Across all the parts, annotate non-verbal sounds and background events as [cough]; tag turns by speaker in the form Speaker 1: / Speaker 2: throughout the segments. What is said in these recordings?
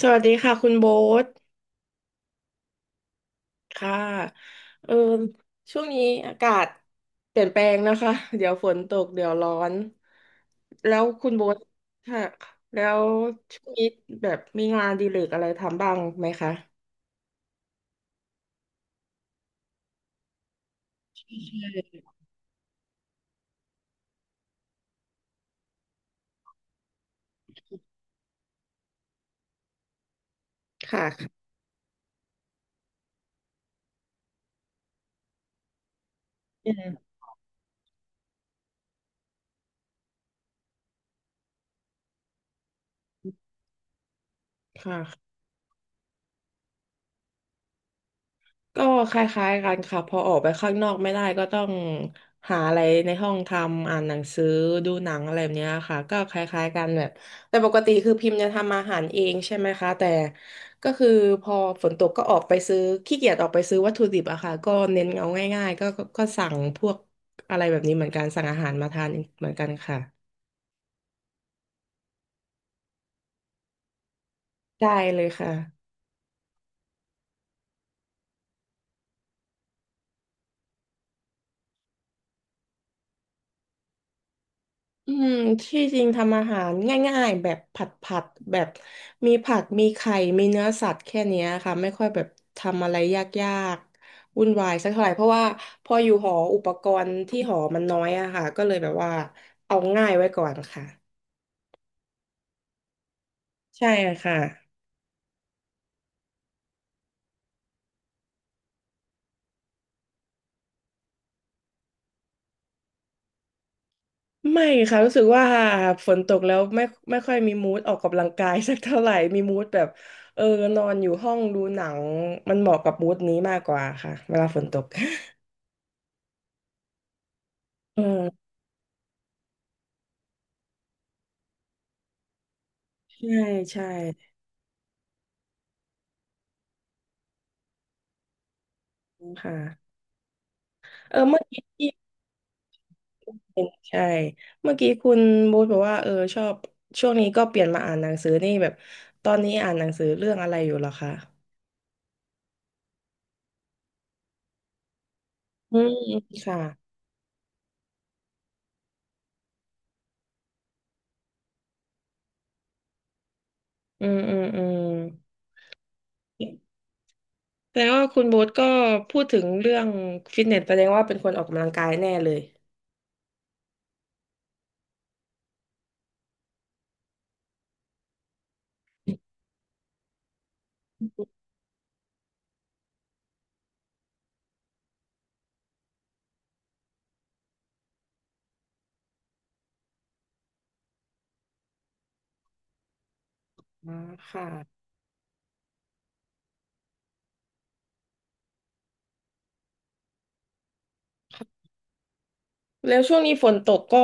Speaker 1: สวัสดีค่ะคุณโบ๊ทค่ะเออช่วงนี้อากาศเปลี่ยนแปลงนะคะเดี๋ยวฝนตกเดี๋ยวร้อนแล้วคุณโบ๊ทค่ะแล้วช่วงนี้แบบมีงานอดีเลกอะไรทำบ้างไหมคะค่ะอืมค่ะ ก็คล้ายๆกันค่ะพอออกไปข้างนอกไม่ได้ก็ต้องหาอะไรในห้องทำอ่านหนังสือดูหนังอะไรแบบเนี้ยค่ะก็คล้ายๆกันแบบแต่ปกติคือพิมพ์จะทำอาหารเองใช่ไหมคะแต่ก็คือพอฝนตกก็ออกไปซื้อขี้เกียจออกไปซื้อวัตถุดิบอะค่ะก็เน้นเอาง่ายๆก็สั่งพวกอะไรแบบนี้เหมือนกันสั่งอาหารมาทานเหมือนกันค่ะได้เลยค่ะ อืมที่จริงทำอาหารง่ายๆแบบผัดแบบมีผักมีไข่มีเนื้อสัตว์แค่เนี้ยค่ะไม่ค่อยแบบทำอะไรยากๆวุ่นวายสักเท่าไหร่เพราะว่าพออยู่หออุปกรณ์ที่หอมันน้อยอะค่ะก็เลยแบบว่าเอาง่ายไว้ก่อนค่ะใช่ค่ะไม่ค่ะรู้สึกว่าฝนตกแล้วไม่ค่อยมีมูดออกกำลังกายสักเท่าไหร่มีมูดแบบเออนอนอยู่ห้องดูหนังมันเหมาะกับมูดนี้มากกว่าค่ะเวลาฝนตก [laughs] เออใช่ใช่ ค่ะเออเมื่อกี้ที่เห็นใช่ เมื่อกี้คุณบูธบอกว่าเออชอบช่วงนี้ก็เปลี่ยนมาอ่านหนังสือนี่แบบตอนนี้อ่านหนังสือเรื่องอะไรอยู่เหรอคะอืมค่ะอืมแสดงว่าคุณโบ๊ทก็พูดถึงเรื่องฟิตเนสแสดงว่าเป็นคนออกกำลังกายแน่เลยอ่าค่ะแล้วช่วงนี้ฝนตกก็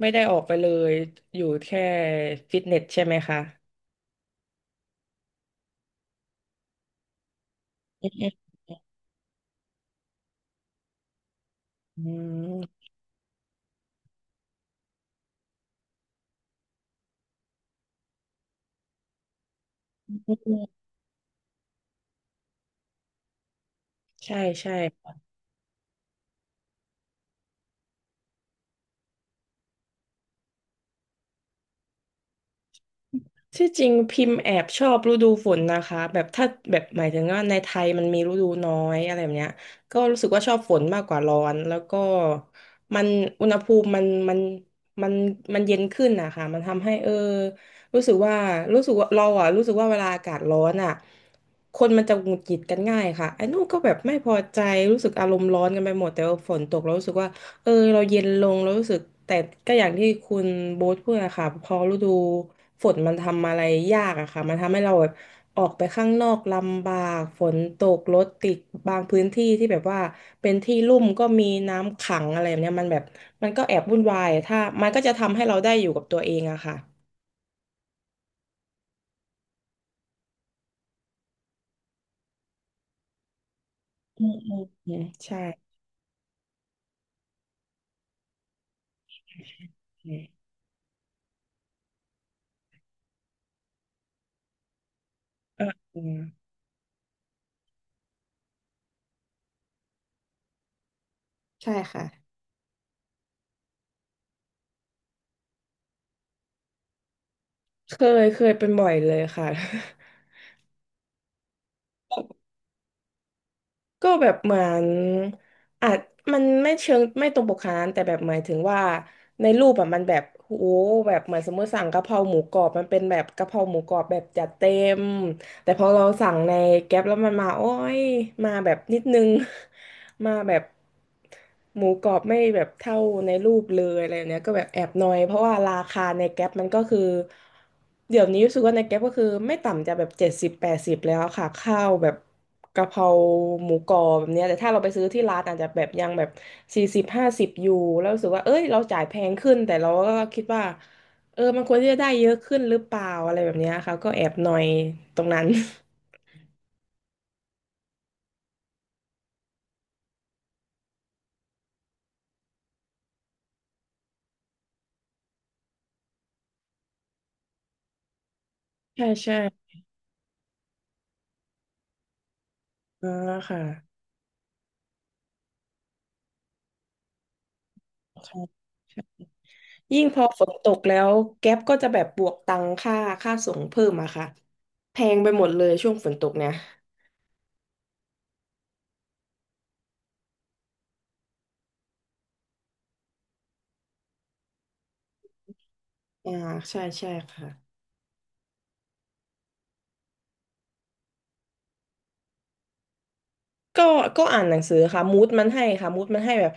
Speaker 1: ไม่ได้ออกไปเลยอยู่แค่ฟิตเนสใช่ไหมคะอืมอืมใช่ใช่ ที่จริงพิมพ์แอบชอบฤดูฝนนะคะแบบถ้าแบบหมายถึงว่าในไทยมันมีฤดูน้อยอะไรแบบเนี้ยก็รู้สึกว่าชอบฝนมากกว่าร้อนแล้วก็มันอุณหภูมิมันมันมันเย็นขึ้นนะคะมันทำให้รู้สึกว่ารู้สึกว่าเราอ่ะรู้สึกว่าเวลาอากาศร้อนอ่ะคนมันจะหงุดหงิดกันง่ายค่ะไอ้นู่นก็แบบไม่พอใจรู้สึกอารมณ์ร้อนกันไปหมดแต่ว่าฝนตกแล้วรู้สึกว่า เราเย็นลงเรารู้สึกแต่ก็อย่างที่คุณโบ๊ทพูดอะค่ะพอฤดูฝนมันทำอะไรยากอะค่ะมันทำให้เราแบบออกไปข้างนอกลำบากฝนตกรถติดบางพื้นที่ที่แบบว่าเป็นที่ลุ่มก็มีน้ำขังอะไรแบบเนี้ยมันแบบมันก็แอบวุ่นวายถ้ามันก็จะทำให้เราได้อยู่กับตัวเองอะค่ะอืมอืมอืมใช่เออเออใช่ค่ะเคเคยเป็นบ่อยเลยค่ะ [laughs] ก็แบบเหมือนอาจมันไม่เชิงไม่ตรงปกขนาดนั้นแต่แบบหมายถึงว่าในรูปอะมันแบบโหแบบเหมือนสมมติสั่งกะเพราหมูกรอบมันเป็นแบบกะเพราหมูกรอบแบบจัดเต็ม แต่พอเราสั่งในแก๊ปแล้วมันมาโอ้ยมาแบบนิดนึง [laughs] มาแบบหมูกรอบไม่แบบเท่าในรูปเลยอะไรแบบเนี้ยก็แบบแอบนอยเพราะว่าราคาในแก๊ปมันก็คือเดี๋ยวนี้รู้สึกว่าในแก๊ปก็คือไม่ต่ำจะแบบเจ็ดสิบแปดสิบแล้วค่ะข้าวแบบกะเพราหมูกรอบแบบเนี้ยแต่ถ้าเราไปซื้อที่ร้านอาจจะแบบยังแบบสี่สิบห้าสิบอยู่แล้วรู้สึกว่าเอ้ยเราจ่ายแพงขึ้นแต่เราก็คิดว่า มันควรที่จะได้เยอะขึ้นหรือเปล่าอะไรแบบเนี้ยค่ะก็แอบหน่อยตรงนั้น [laughs] ใช่ใช่อ่าค่ะค่ะใช่ยิ่งพอฝนตกแล้วแก๊ปก็จะแบบบวกตังค่าค่าส่งเพิ่มอะค่ะแพงไปหมดเลยช่วงฝนตกเนี่ยอ่าใช่ใช่ค่ะก็ก็อ่านหนังสือค่ะมูดมันให้ค่ะมูดมันให้แบบ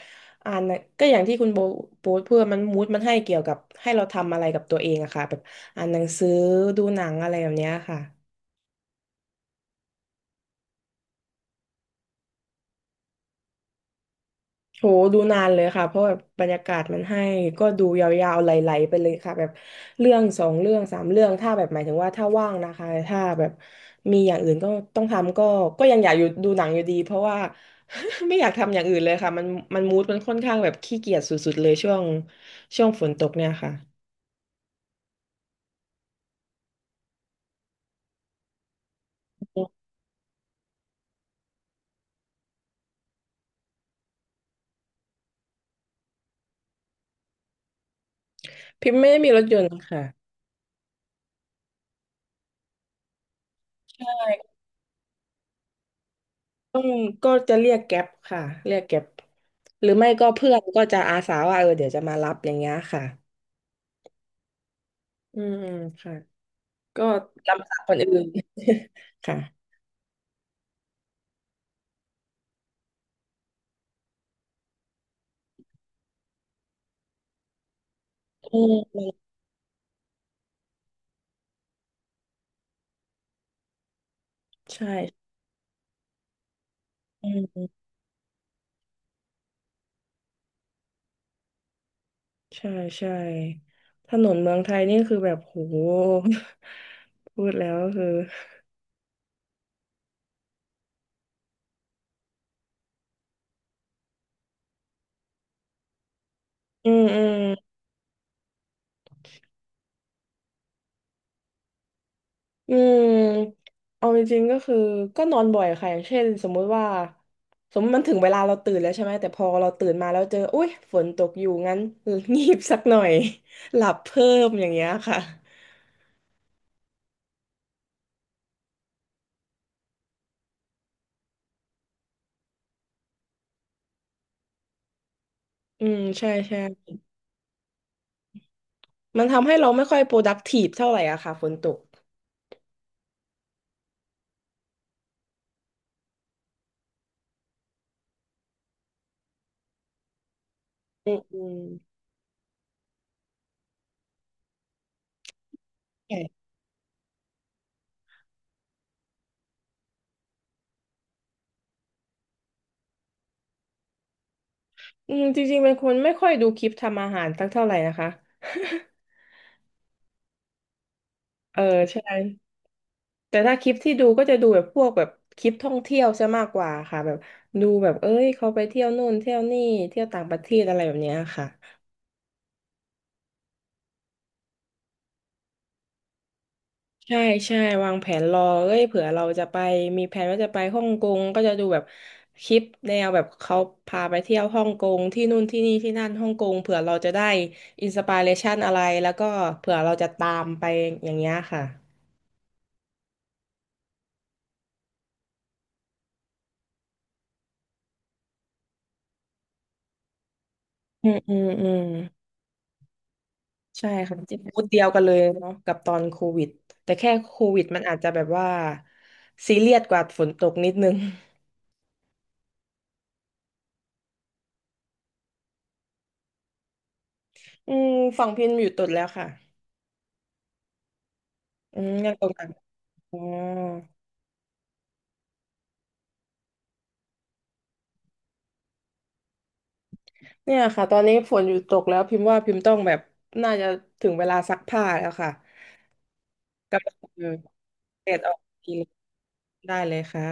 Speaker 1: อ่านหนังก็อย่างที่คุณโบโพสต์เพื่อมันมูดมันให้เกี่ยวกับให้เราทำอะไรกับตัวเองอะค่ะแบบอ่านหนังสือดูหนังอะไรแบบเนี้ยค่ะ โหดูนานเลยค่ะเพราะแบบบรรยากาศมันให้ก็ดูยาวๆไหลๆไปเลยค่ะแบบเรื่องสองเรื่องสามเรื่องถ้าแบบหมายถึงว่าถ้าว่างนะคะถ้าแบบมีอย่างอื่นก็ต้องทำก็ยังอยากอยู่ดูหนังอยู่ดีเพราะว่า [laughs] ไม่อยากทำอย่างอื่นเลยค่ะมันมูดมันค่อนข้างแบบขี้เกียจสุดๆเลยช่วงฝนตกเนี่ยค่ะพิมพ์ไม่ได้มีรถยนต์ค่ะใช่ต้องก็จะเรียกแก๊ปค่ะเรียกแก๊ปหรือไม่ก็เพื่อนก็จะอาสาว่าเออเดี๋ยวจะมารับอย่างเงี้ยค่ะอืมค่ะ ก็ลำบากคนอื่น [laughs] ค่ะอืมใช่อืมใช่ใช่ถนนเมืองไทยนี่คือแบบโห [laughs] พูดแล้วก็คืออืมอืมอืมเอาจริงๆก็คือก็นอนบ่อยค่ะอย่างเช่นสมมุติว่าสมมติมันถึงเวลาเราตื่นแล้วใช่ไหมแต่พอเราตื่นมาแล้วเจออุ๊ยฝนตกอยู่งั้น [laughs] งีบสักหน่อย [laughs] หลับเพิ่มอย่างเงี้ยค่ะอืมใช่ใช่มันทำให้เราไม่ค่อย productive เท่าไหร่อะค่ะฝนตก อืมอืมใช่จริงๆเป็นคนไม่ค่อยดูคลิปทำอาหารสักเท่าไหร่นะคะ [laughs] เออใช่แต่ถ้าคลิปที่ดูก็จะดูแบบพวกแบบคลิปท่องเที่ยวซะมากกว่าค่ะแบบดูแบบเอ้ยเขาไปเที่ยวนู่นเที่ยวนี่เที่ยวต่างประเทศอะไรแบบเนี้ยค่ะ ใช่ใช่วางแผนรอเอ้ยเผื่อเราจะไปมีแผนว่าจะไปฮ่องกงก็จะดูแบบคลิปแนวแบบเขาพาไปเที่ยวฮ่องกงที่นู่นที่นี่ที่นั่นฮ่องกงเผื่อเราจะได้อินสปิเรชันอะไรแล้วก็เผื่อเราจะตามไปอย่างเงี้ยค่ะอืมอืมอืมใช่ค่ะจิตพูดเดียวกันเลยเนาะกับตอนโควิดแต่แค่โควิดมันอาจจะแบบว่าซีเรียสกว่าฝนตกนิดนึงอืมฝั่งพิมอยู่ตุดแล้วค่ะอืมยังตกหนักอ๋อ เนี่ยค่ะตอนนี้ฝนหยุดตกแล้วพิมพ์ว่าพิมพ์ต้องแบบน่าจะถึงเวลาซักผ้าแล้วค่ะกำลังเออเสร็จออกทีได้เลยค่ะ